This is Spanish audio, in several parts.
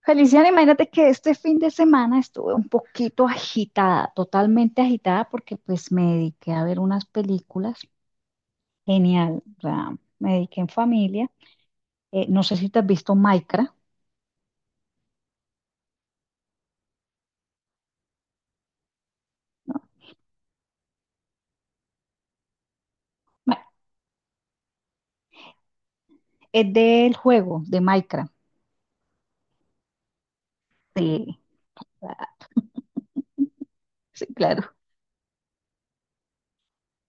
Feliciana, imagínate que este fin de semana estuve un poquito agitada, totalmente agitada, porque pues me dediqué a ver unas películas. Genial, o sea, me dediqué en familia. No sé si te has visto Minecraft, ¿no? Bueno, es del juego de Minecraft. Sí, ah, sí, claro.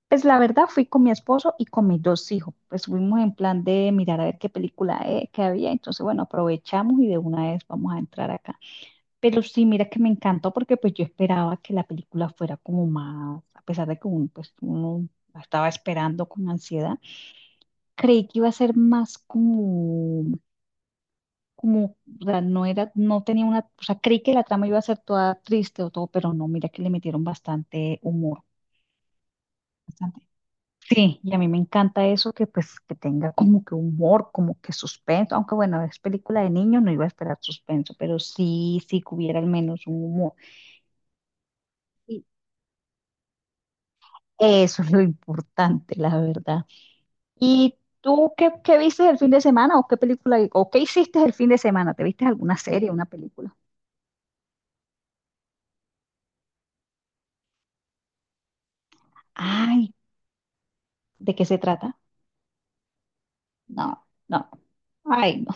Pues la verdad fui con mi esposo y con mis dos hijos. Pues fuimos en plan de mirar a ver qué película que había. Entonces, bueno, aprovechamos y de una vez vamos a entrar acá. Pero sí, mira que me encantó porque pues yo esperaba que la película fuera como más, a pesar de que uno, pues, uno la estaba esperando con ansiedad, creí que iba a ser más como, o sea, no era, no tenía una, o sea, creí que la trama iba a ser toda triste o todo, pero no, mira que le metieron bastante humor, bastante. Sí, y a mí me encanta eso que pues que tenga como que humor, como que suspenso, aunque bueno, es película de niños, no iba a esperar suspenso, pero sí, sí que hubiera al menos un humor. Eso es lo importante, la verdad. ¿Y tú qué viste el fin de semana o qué película o qué hiciste el fin de semana? ¿Te viste alguna serie, una película? Ay, ¿de qué se trata? No, no. Ay, no.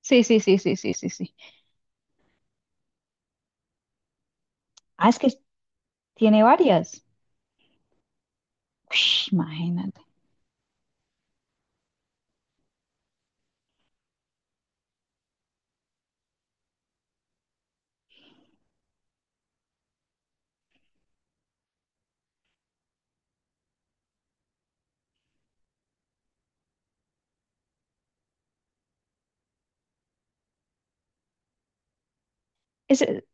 Sí, sí, sí, sí, sí, sí, sí. Ah, es que tiene varias. Ush, imagínate. ¿Ese,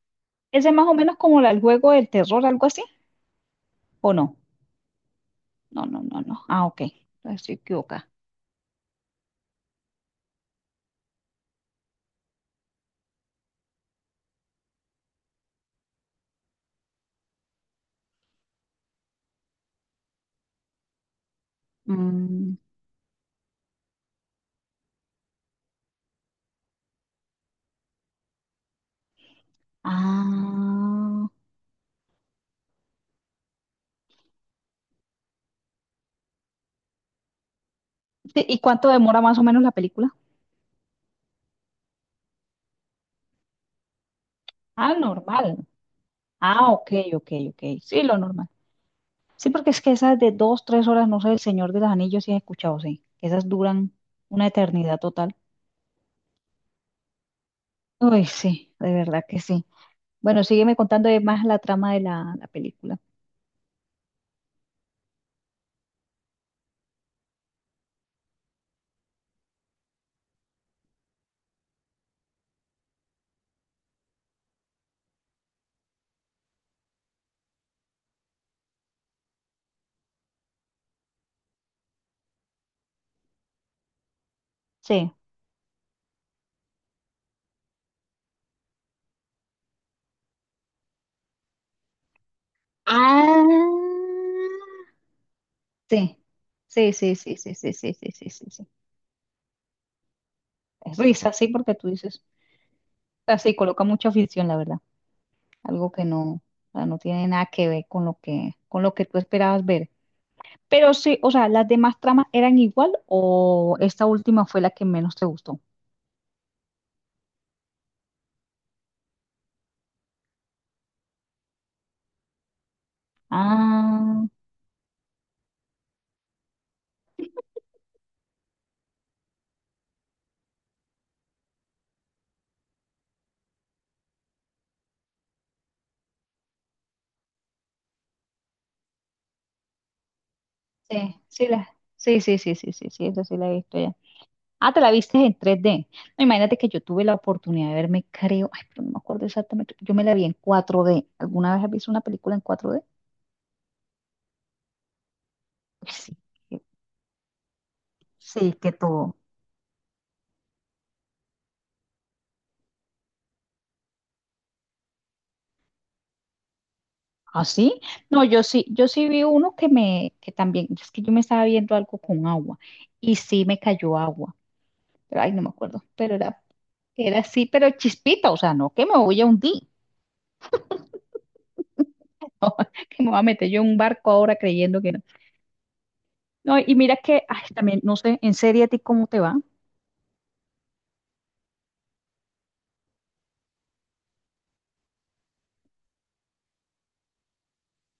ese es más o menos como el juego del terror, algo así? ¿O no? No, no, no, no. Ah, ok. Entonces estoy equivocada. Mm, ah. Sí, ¿y cuánto demora más o menos la película? Ah, normal. Ah, ok, ok, ok. Sí, lo normal. Sí, porque es que esas de dos, tres horas, no sé, El Señor de los Anillos sí he escuchado, sí. Esas duran una eternidad total. Uy, sí, de verdad que sí. Bueno, sígueme contando de más la trama de la película. Sí. Ah, sí. Sí, sí, sí, sí, sí, sí, sí, sí, sí, sí. Es risa, sí, porque tú dices, así coloca mucha ficción, la verdad. Algo que no, o sea, no tiene nada que ver con lo que tú esperabas ver. Pero sí, o sea, ¿las demás tramas eran igual o esta última fue la que menos te gustó? Ah, sí, sí, la, sí, sí, sí, sí, sí, sí, esa sí la he visto ya. Ah, te la viste en 3D. No, imagínate que yo tuve la oportunidad de verme, creo, ay, pero no me acuerdo exactamente, yo me la vi en 4D. ¿Alguna vez has visto una película en 4D? Sí, que- sí, que todo. ¿Ah, sí? No, yo sí vi uno que me, que también, es que yo me estaba viendo algo con agua y sí me cayó agua. Pero ay, no me acuerdo, pero era así, pero chispita, o sea, no que me voy a hundir, que me voy a meter yo en un barco ahora creyendo que no. No, y mira que, ay, también, no sé, en serie a ti cómo te va.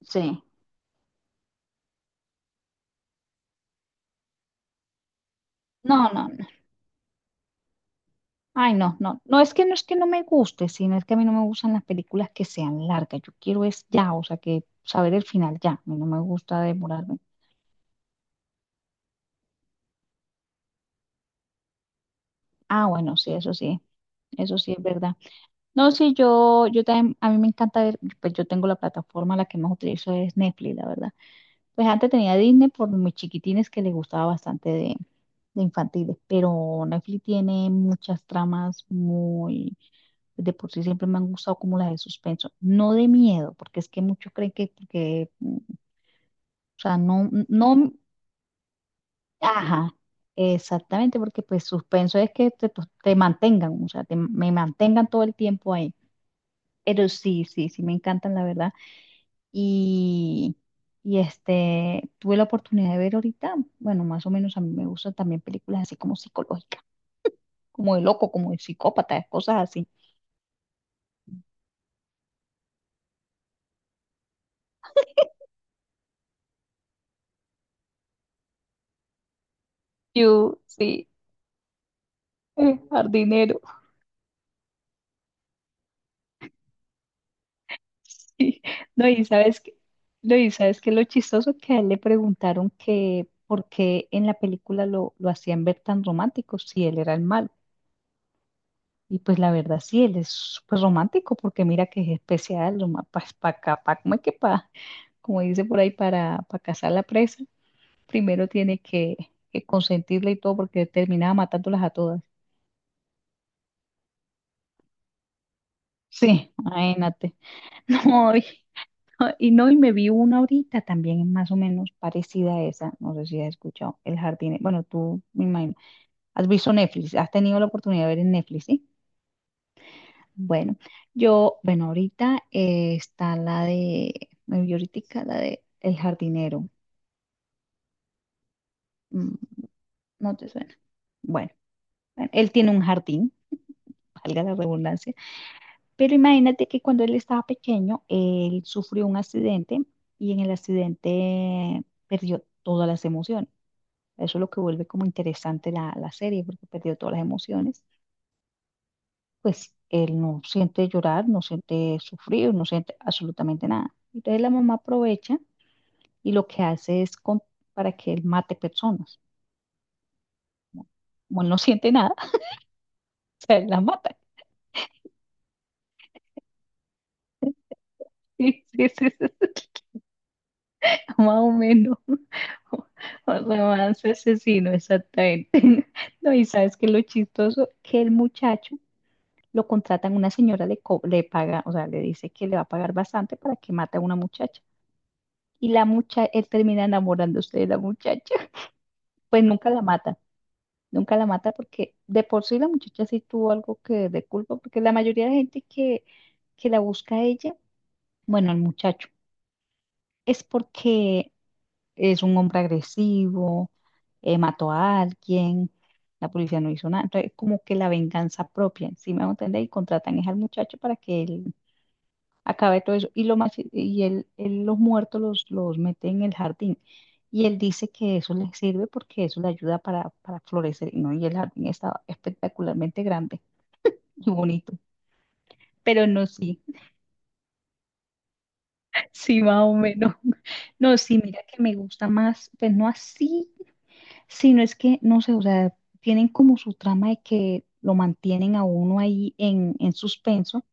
Sí. No, no, no. Ay, no, no. No es que no me guste, sino es que a mí no me gustan las películas que sean largas. Yo quiero es ya, o sea, que saber el final ya. A mí no me gusta demorarme. Ah, bueno, sí, eso sí. Eso sí es verdad. No, sí, yo también, a mí me encanta ver, pues yo tengo la plataforma, la que más utilizo es Netflix, la verdad. Pues antes tenía Disney por mis chiquitines que les gustaba bastante de infantiles, pero Netflix tiene muchas tramas muy, de por sí siempre me han gustado como las de suspenso, no de miedo, porque es que muchos creen que, porque, o sea, no, no, ajá, exactamente, porque pues suspenso es que te, pues, te mantengan, o sea, me mantengan todo el tiempo ahí, pero sí, sí, sí, me encantan, la verdad. Y, y este, tuve la oportunidad de ver ahorita, bueno, más o menos a mí me gustan también películas así como psicológicas, como de loco, como de psicópata, cosas así. Yo, sí, jardinero. Sí. No, y sabes que, no, y sabes que lo chistoso que a él le preguntaron que por qué en la película lo hacían ver tan romántico si él era el malo. Y pues la verdad sí, él es súper romántico porque mira que es especial, para como es que como dice por ahí, para cazar la presa, primero tiene que consentirla y todo porque terminaba matándolas a todas. Sí, imagínate. No, y no, y me vi una ahorita también más o menos parecida a esa, no sé si has escuchado, El Jardín, bueno, tú me imagino, has visto Netflix, has tenido la oportunidad de ver en Netflix, ¿sí? Bueno, yo, bueno, ahorita está la de, me vi ahoritica la de El jardinero. Mm, ¿no te suena? Bueno, bueno, él tiene un jardín, valga la redundancia, pero imagínate que cuando él estaba pequeño, él sufrió un accidente y en el accidente perdió todas las emociones. Eso es lo que vuelve como interesante la serie, porque perdió todas las emociones. Pues él no siente llorar, no siente sufrir, no siente absolutamente nada. Entonces la mamá aprovecha y lo que hace es para que él mate personas. ¿No? Como él no siente nada, o sea, él la mata. Sí, sí, sí, sí, sí. Más o menos. Un romance asesino, exactamente. No, y sabes que lo chistoso, que el muchacho lo contratan, una señora le paga, o sea, le dice que le va a pagar bastante para que mate a una muchacha. Y él termina enamorándose de la muchacha. Pues nunca la mata. Nunca la mata porque de por sí la muchacha sí tuvo algo que de culpa, porque la mayoría de gente que la busca a ella, bueno, el muchacho, es porque es un hombre agresivo, mató a alguien, la policía no hizo nada, entonces como que la venganza propia, ¿si me hago entender? Y contratan es al muchacho para que él acabe todo eso. Y, lo más, y él los muertos los mete en el jardín. Y él dice que eso le sirve porque eso le ayuda para florecer, ¿no? Y el jardín estaba espectacularmente grande. y bonito. Pero no, sí, sí, más o menos. No, sí, mira que me gusta más, pues no así, sino es que, no sé, o sea, tienen como su trama de que lo mantienen a uno ahí en, suspenso